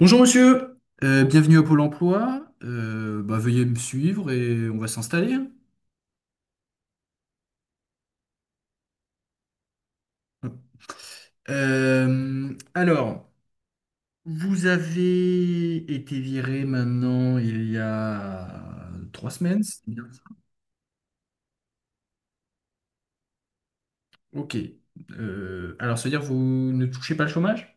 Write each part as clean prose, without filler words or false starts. Bonjour monsieur, bienvenue à Pôle emploi. Veuillez me suivre et on va s'installer. Euh, alors, Vous avez été viré maintenant il y a 3 semaines, c'est bien ça? Ok. Ça veut dire que vous ne touchez pas le chômage?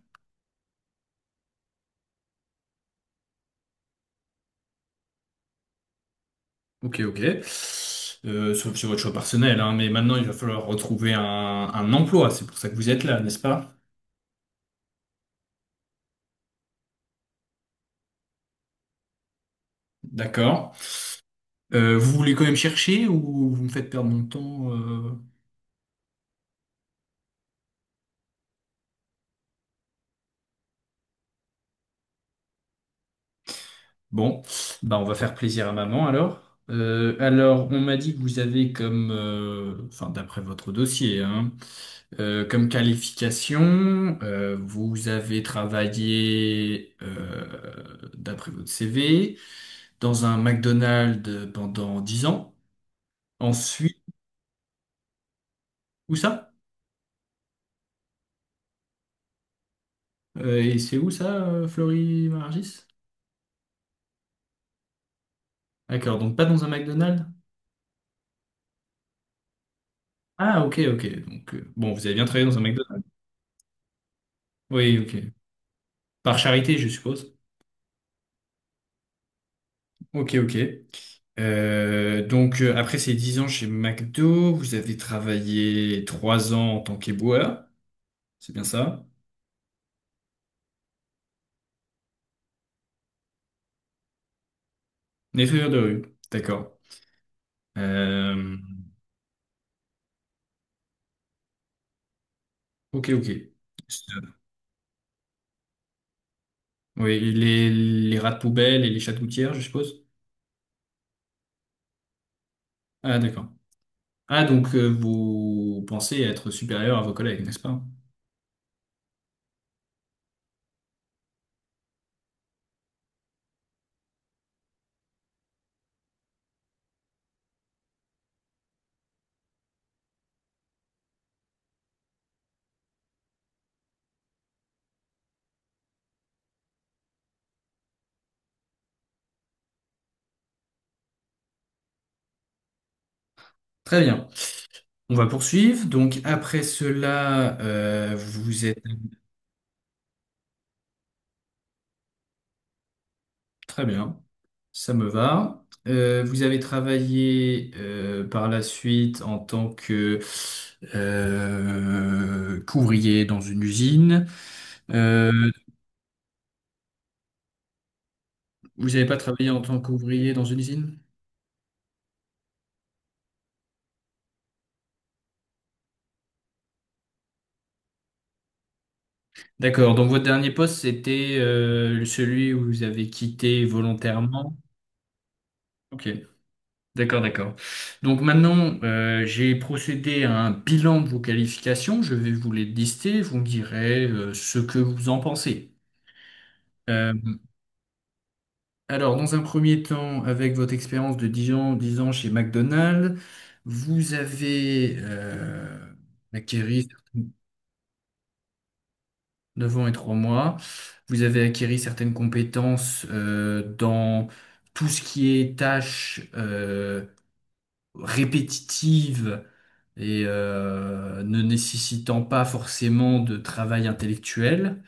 Ok, ok. Sauf sur votre choix personnel, hein, mais maintenant il va falloir retrouver un emploi. C'est pour ça que vous êtes là, n'est-ce pas? D'accord. Vous voulez quand même chercher ou vous me faites perdre mon temps? Bon, bah on va faire plaisir à maman alors. On m'a dit que vous avez comme, enfin d'après votre dossier, hein, comme qualification, vous avez travaillé, d'après votre CV, dans un McDonald's pendant 10 ans. Ensuite, où ça? Et c'est où ça, Florie Margis? D'accord, donc pas dans un McDonald's? Ah, ok, ok. Donc, bon, vous avez bien travaillé dans un McDonald's? Oui, ok. Par charité, je suppose. Ok, ok. Après ces 10 ans chez McDo, vous avez travaillé 3 ans en tant qu'éboueur, c'est bien ça? Nettoyeur de rue, d'accord. Euh, ok, ok. Oui, les rats de poubelle et les chats de gouttière, je suppose? Ah, d'accord. Ah, donc vous pensez être supérieur à vos collègues, n'est-ce pas? Très bien. On va poursuivre. Donc après cela, vous êtes. Très bien, ça me va. Vous avez travaillé par la suite en tant que qu'ouvrier dans une usine. Euh, Vous n'avez pas travaillé en tant qu'ouvrier dans une usine? D'accord, donc votre dernier poste, c'était celui où vous avez quitté volontairement. Ok, d'accord, d'accord. Donc maintenant, j'ai procédé à un bilan de vos qualifications. Je vais vous les lister. Vous me direz ce que vous en pensez. Euh, Alors, dans un premier temps, avec votre expérience de 10 ans, 10 ans chez McDonald's, vous avez acquéri. 9 ans et 3 mois, vous avez acquéri certaines compétences dans tout ce qui est tâches répétitives et ne nécessitant pas forcément de travail intellectuel.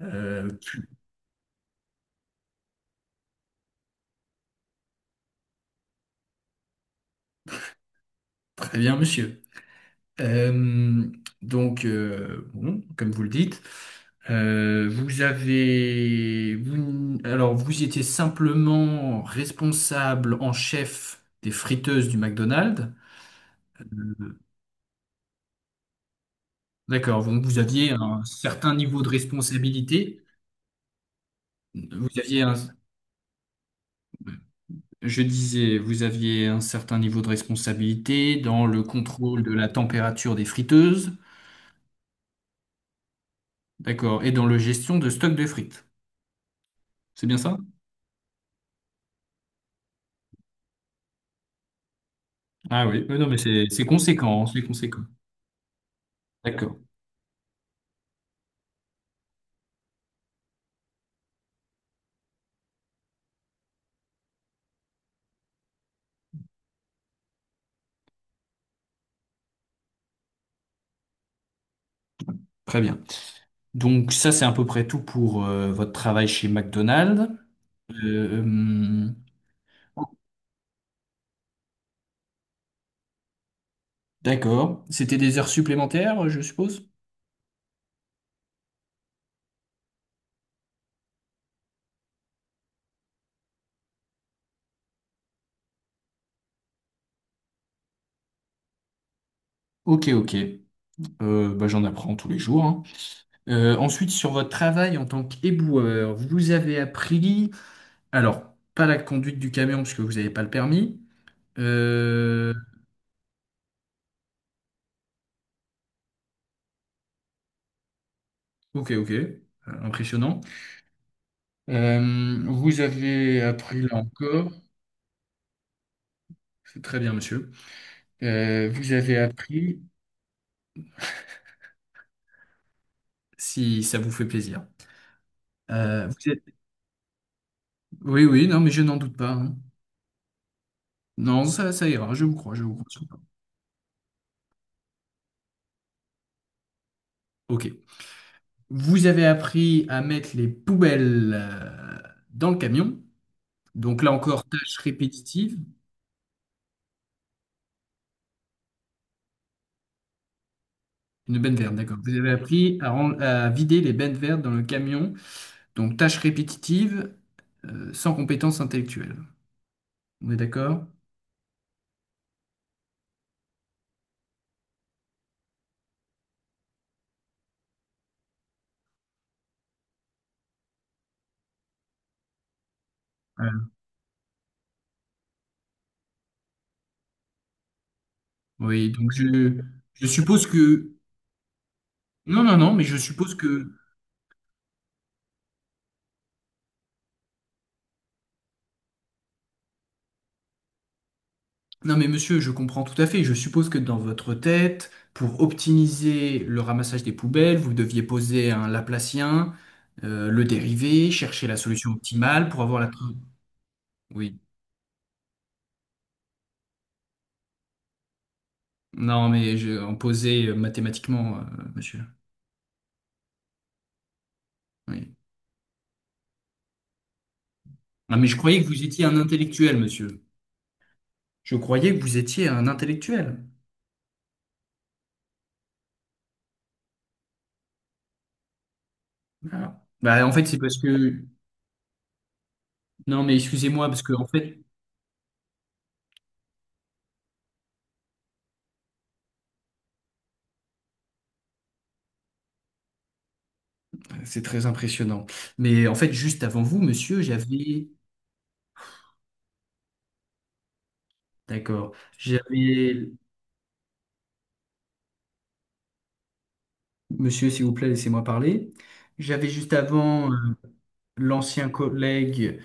Euh, Très bien, monsieur. Euh, bon, comme vous le dites, alors vous étiez simplement responsable en chef des friteuses du McDonald's. D'accord, donc vous aviez un certain niveau de responsabilité. Vous aviez un, je disais, vous aviez un certain niveau de responsabilité dans le contrôle de la température des friteuses, d'accord, et dans la gestion de stock de frites. C'est bien ça? Ah oui, oui, non, mais c'est conséquent, c'est conséquent. D'accord, très bien. Donc ça, c'est à peu près tout pour votre travail chez McDonald's. Euh, hum, d'accord. C'était des heures supplémentaires, je suppose? Ok, ok. Bah, j'en apprends tous les jours, hein. Ensuite, sur votre travail en tant qu'éboueur, vous avez appris, alors, pas la conduite du camion puisque vous n'avez pas le permis. Euh, ok, ok. Impressionnant. Vous avez appris là encore, c'est très bien, monsieur. Vous avez appris si ça vous fait plaisir. Vous êtes- Oui, oui, non, mais je n'en doute pas, hein. Non, ça ira, je vous crois, je vous crois. Je vous. Ok. Vous avez appris à mettre les poubelles dans le camion. Donc là encore, tâche répétitive. Une benne verte, d'accord. Vous avez appris à, à vider les bennes vertes dans le camion. Donc tâche répétitive, sans compétence intellectuelle. On est d'accord? Voilà. Oui, donc je suppose que... Non, non, non, mais je suppose que... Non mais monsieur, je comprends tout à fait. Je suppose que dans votre tête, pour optimiser le ramassage des poubelles, vous deviez poser un Laplacien, le dériver, chercher la solution optimale pour avoir la... Oui. Non mais en poser mathématiquement, monsieur. Oui. Non mais je croyais que vous étiez un intellectuel, monsieur. Je croyais que vous étiez un intellectuel. Ah. Bah, en fait, c'est parce que... Non mais excusez-moi, parce que en fait, c'est très impressionnant. Mais en fait, juste avant vous, monsieur, j'avais... D'accord. J'avais, monsieur, s'il vous plaît, laissez-moi parler. J'avais juste avant l'ancien collègue,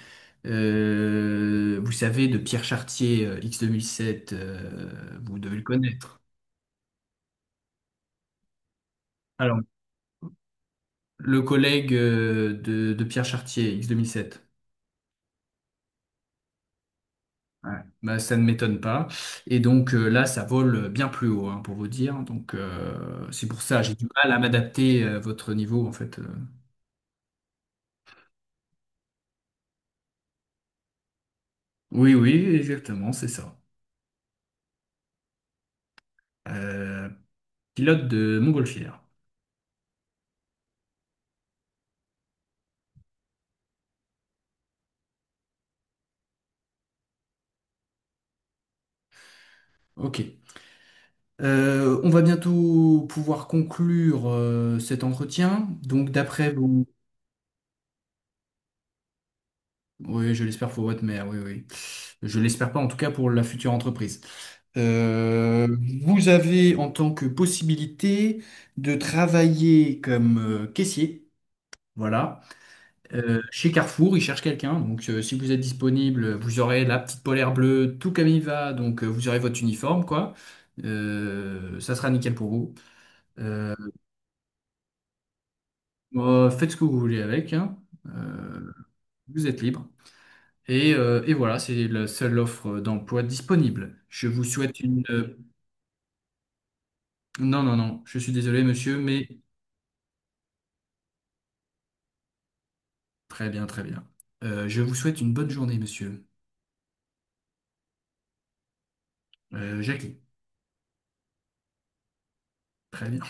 vous savez, de Pierre Chartier, X2007, vous devez le connaître. Alors, le collègue de Pierre Chartier, X2007, 2007. Ouais. Bah, ça ne m'étonne pas. Et donc là, ça vole bien plus haut, hein, pour vous dire. Donc c'est pour ça, j'ai du mal à m'adapter à votre niveau, en fait. Oui, oui, exactement, c'est ça. Euh, Pilote de montgolfière. Ok. On va bientôt pouvoir conclure cet entretien. Donc, d'après vous, oui, je l'espère pour votre mère, oui, oui. Je l'espère pas, en tout cas pour la future entreprise. Euh, Vous avez en tant que possibilité de travailler comme caissier. Voilà. Chez Carrefour, ils cherchent quelqu'un. Donc, si vous êtes disponible, vous aurez la petite polaire bleue, tout comme il va. Donc, vous aurez votre uniforme, quoi. Ça sera nickel pour vous. Euh, bon, faites ce que vous voulez avec, hein. Euh, Vous êtes libre. Et voilà, c'est la seule offre d'emploi disponible. Je vous souhaite une... Non, non, non, je suis désolé, monsieur, mais très bien, très bien. Je vous souhaite une bonne journée, monsieur. Jackie, très bien.